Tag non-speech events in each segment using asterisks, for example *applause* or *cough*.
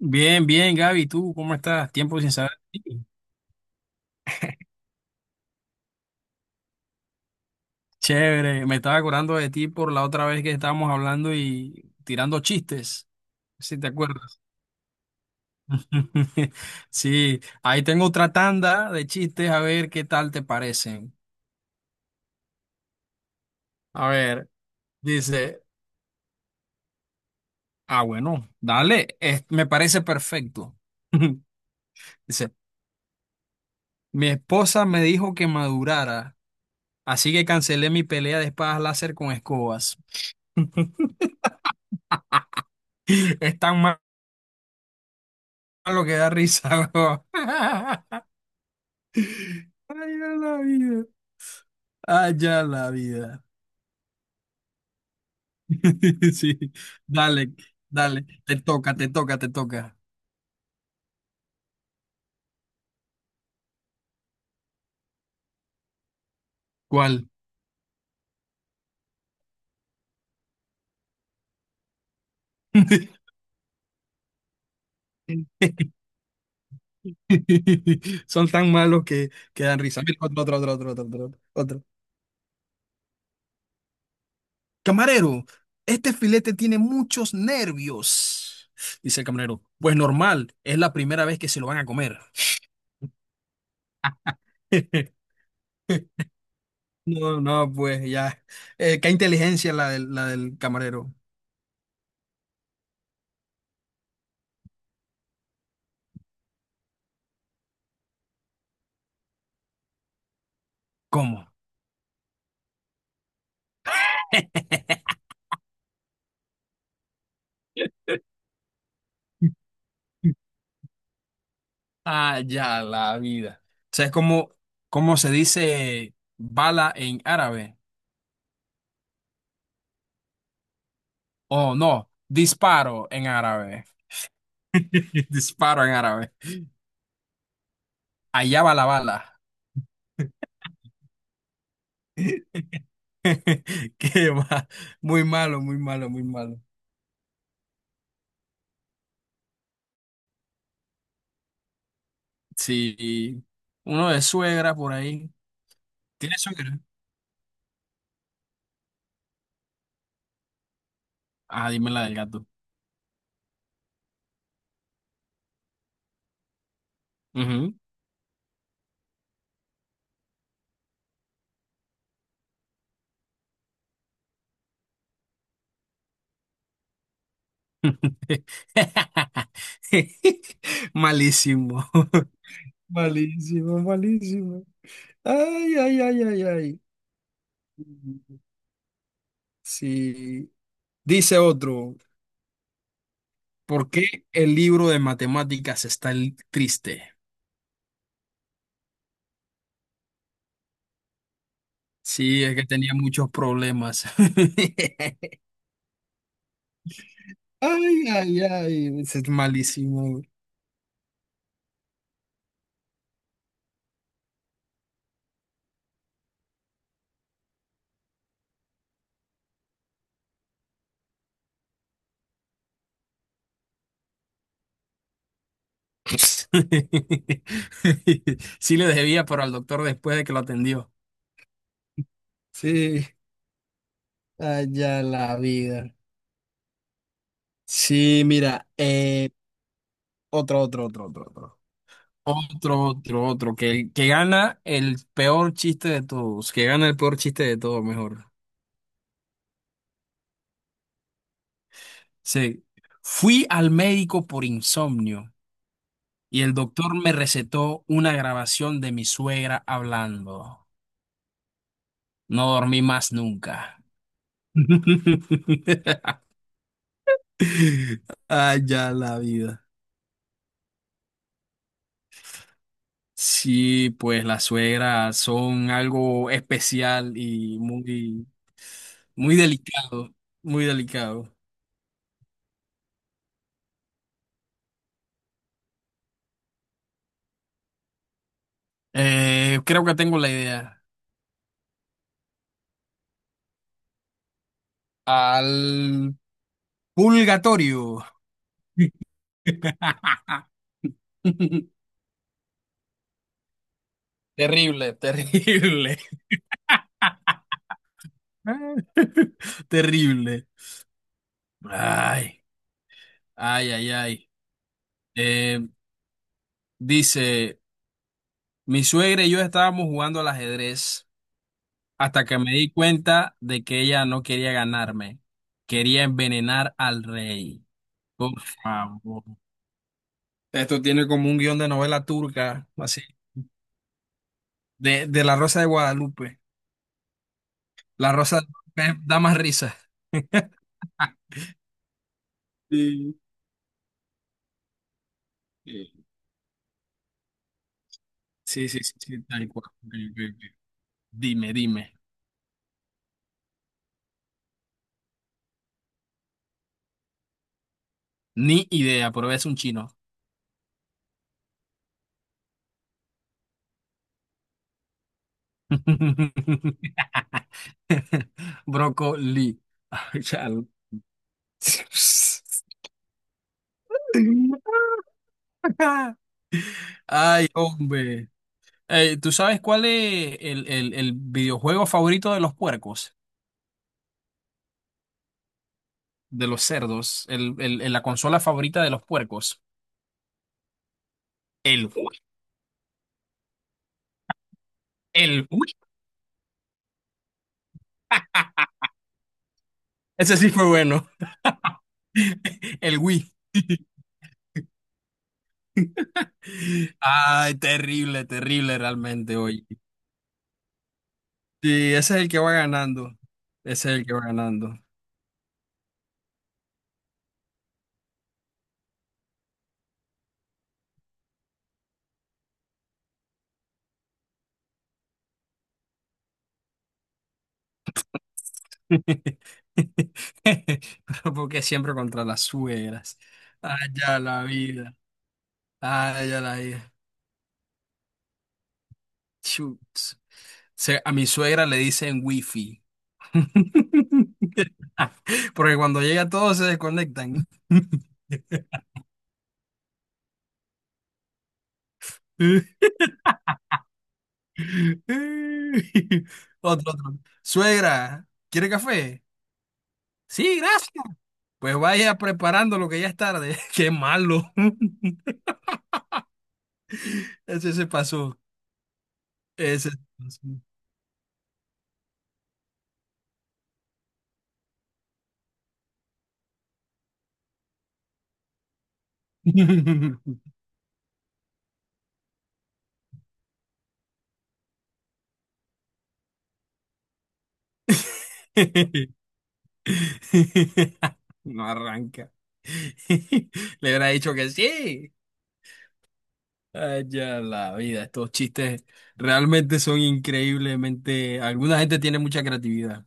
Bien, bien, Gaby, ¿tú cómo estás? Tiempo sin saber de ti. Chévere, me estaba acordando de ti por la otra vez que estábamos hablando y tirando chistes, si te acuerdas. *laughs* Sí, ahí tengo otra tanda de chistes, a ver qué tal te parecen. A ver, dice, ah, bueno, dale, me parece perfecto. *laughs* Dice, mi esposa me dijo que madurara, así que cancelé mi pelea de espadas láser con escobas. *laughs* Están mal lo que da risa, weón. *laughs* Ay, ya la vida. Ay, ya la vida. *laughs* Sí, dale, dale. Te toca, te toca, te toca. ¿Cuál? *laughs* Son tan malos que dan risa. Mira, otro, otro, otro, otro, otro, otro, otro. Camarero, este filete tiene muchos nervios. Dice el camarero. Pues normal, es la primera vez que se lo van a comer. *laughs* No, no, pues ya. Qué inteligencia la del camarero. ¿Cómo? *laughs* Ah, ya, la vida. O sea, es como, ¿cómo se dice bala en árabe? Oh, no, disparo en árabe. *laughs* Disparo en árabe. Allá va la bala. *laughs* Qué va. Muy malo, muy malo, muy malo. Sí, uno de suegra por ahí. ¿Tiene suegra? Ah, dime la del gato. Ujú. *laughs* Malísimo. *laughs* Malísimo, malísimo. Ay, ay, ay, ay, ay. Sí. Dice otro, ¿por qué el libro de matemáticas está triste? Sí, es que tenía muchos problemas. *laughs* Ay, ay, ay, ese es malísimo. *laughs* Sí le debía, pero al doctor después de que lo atendió. Sí, allá la vida. Sí, mira, otro, otro, otro, otro, otro. Otro, otro, otro, que gana el peor chiste de todos, que gana el peor chiste de todos, mejor. Sí. Fui al médico por insomnio y el doctor me recetó una grabación de mi suegra hablando. No dormí más nunca. *laughs* Ay, ya la vida. Sí, pues las suegras son algo especial y muy delicado, muy delicado. Creo que tengo la idea. Al purgatorio. *laughs* Terrible, terrible. *laughs* Terrible. Ay, ay, ay, ay. Eh, Dice, mi suegra y yo estábamos jugando al ajedrez hasta que me di cuenta de que ella no quería ganarme. Quería envenenar al rey. Por favor. Esto tiene como un guión de novela turca, así. De La Rosa de Guadalupe. La Rosa de Guadalupe da más risa. Sí, sí, sí, sí, sí, tal cual. Ok, ok, ok. Dime, dime. Ni idea, pero es un chino. *laughs* Brócoli. Ay, chal. Ay, hombre. ¿Tú sabes cuál es el videojuego favorito de los puercos? De los cerdos. La consola favorita de los puercos. El Wii. El Wii. *laughs* Ese sí fue bueno. *laughs* El Wii. Ay, terrible, terrible realmente hoy. Sí, ese es el que va ganando. Ese es el que va ganando. *laughs* Pero porque siempre contra las suegras. Ay, ya la vida. Ay, ya la vida. Chutz. A mi suegra le dicen wifi. *laughs* Porque cuando llega todos se desconectan. *laughs* Otro, otro. Suegra, ¿quiere café? Sí, gracias. Pues vaya preparando lo que ya es tarde. *laughs* Qué malo. *laughs* Ese se pasó. Ese se pasó. *laughs* No arranca. *laughs* Le hubiera dicho que sí. Ay, ya la vida. Estos chistes realmente son increíblemente. Alguna gente tiene mucha creatividad.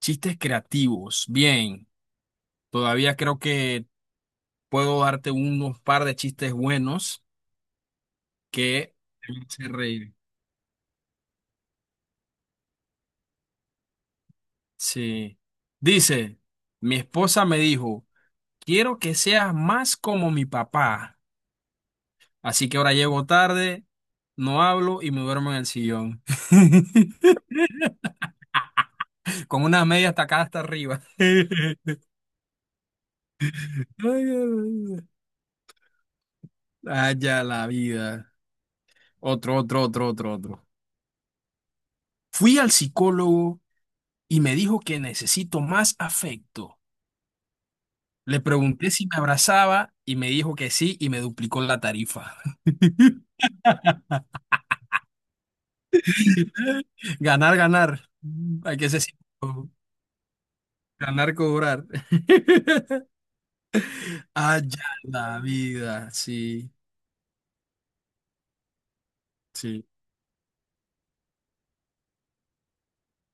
Chistes creativos. Bien. Todavía creo que puedo darte unos par de chistes buenos que te van a hacer reír. Sí. Dice, mi esposa me dijo, quiero que seas más como mi papá. Así que ahora llego tarde, no hablo y me duermo en el sillón. *laughs* Con unas medias tacadas hasta arriba. *laughs* Ay, ay, ay. Allá la vida. Otro, otro, otro, otro, otro. Fui al psicólogo y me dijo que necesito más afecto. Le pregunté si me abrazaba y me dijo que sí y me duplicó la tarifa. *laughs* Ganar, ganar. Hay que ser cínico. Ganar, cobrar. *laughs* Allá la vida. Sí, sí,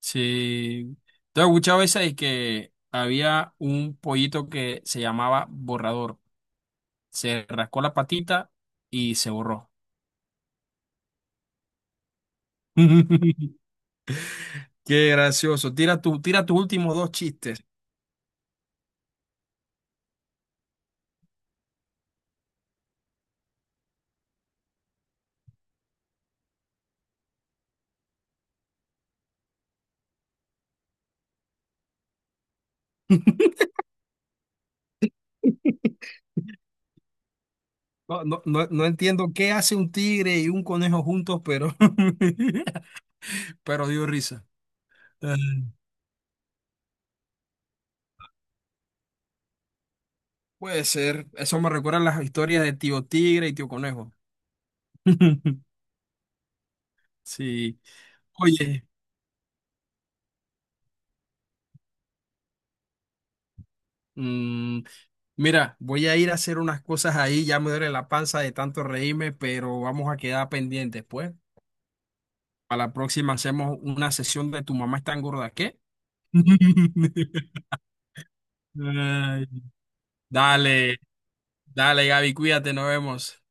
sí. Te he escuchado esa y que había un pollito que se llamaba borrador. Se rascó la patita y se borró. *laughs* Qué gracioso. Tira tus últimos dos chistes. No, no, no, no entiendo qué hace un tigre y un conejo juntos, pero, *laughs* pero dio risa. Puede ser. Eso me recuerda a las historias de Tío Tigre y Tío Conejo. *laughs* Sí. Oye, mm, mira, voy a ir a hacer unas cosas ahí, ya me duele la panza de tanto reírme, pero vamos a quedar pendientes, pues. Para la próxima hacemos una sesión de tu mamá es tan gorda, ¿qué? *laughs* Ay, dale, dale, Gaby, cuídate, nos vemos.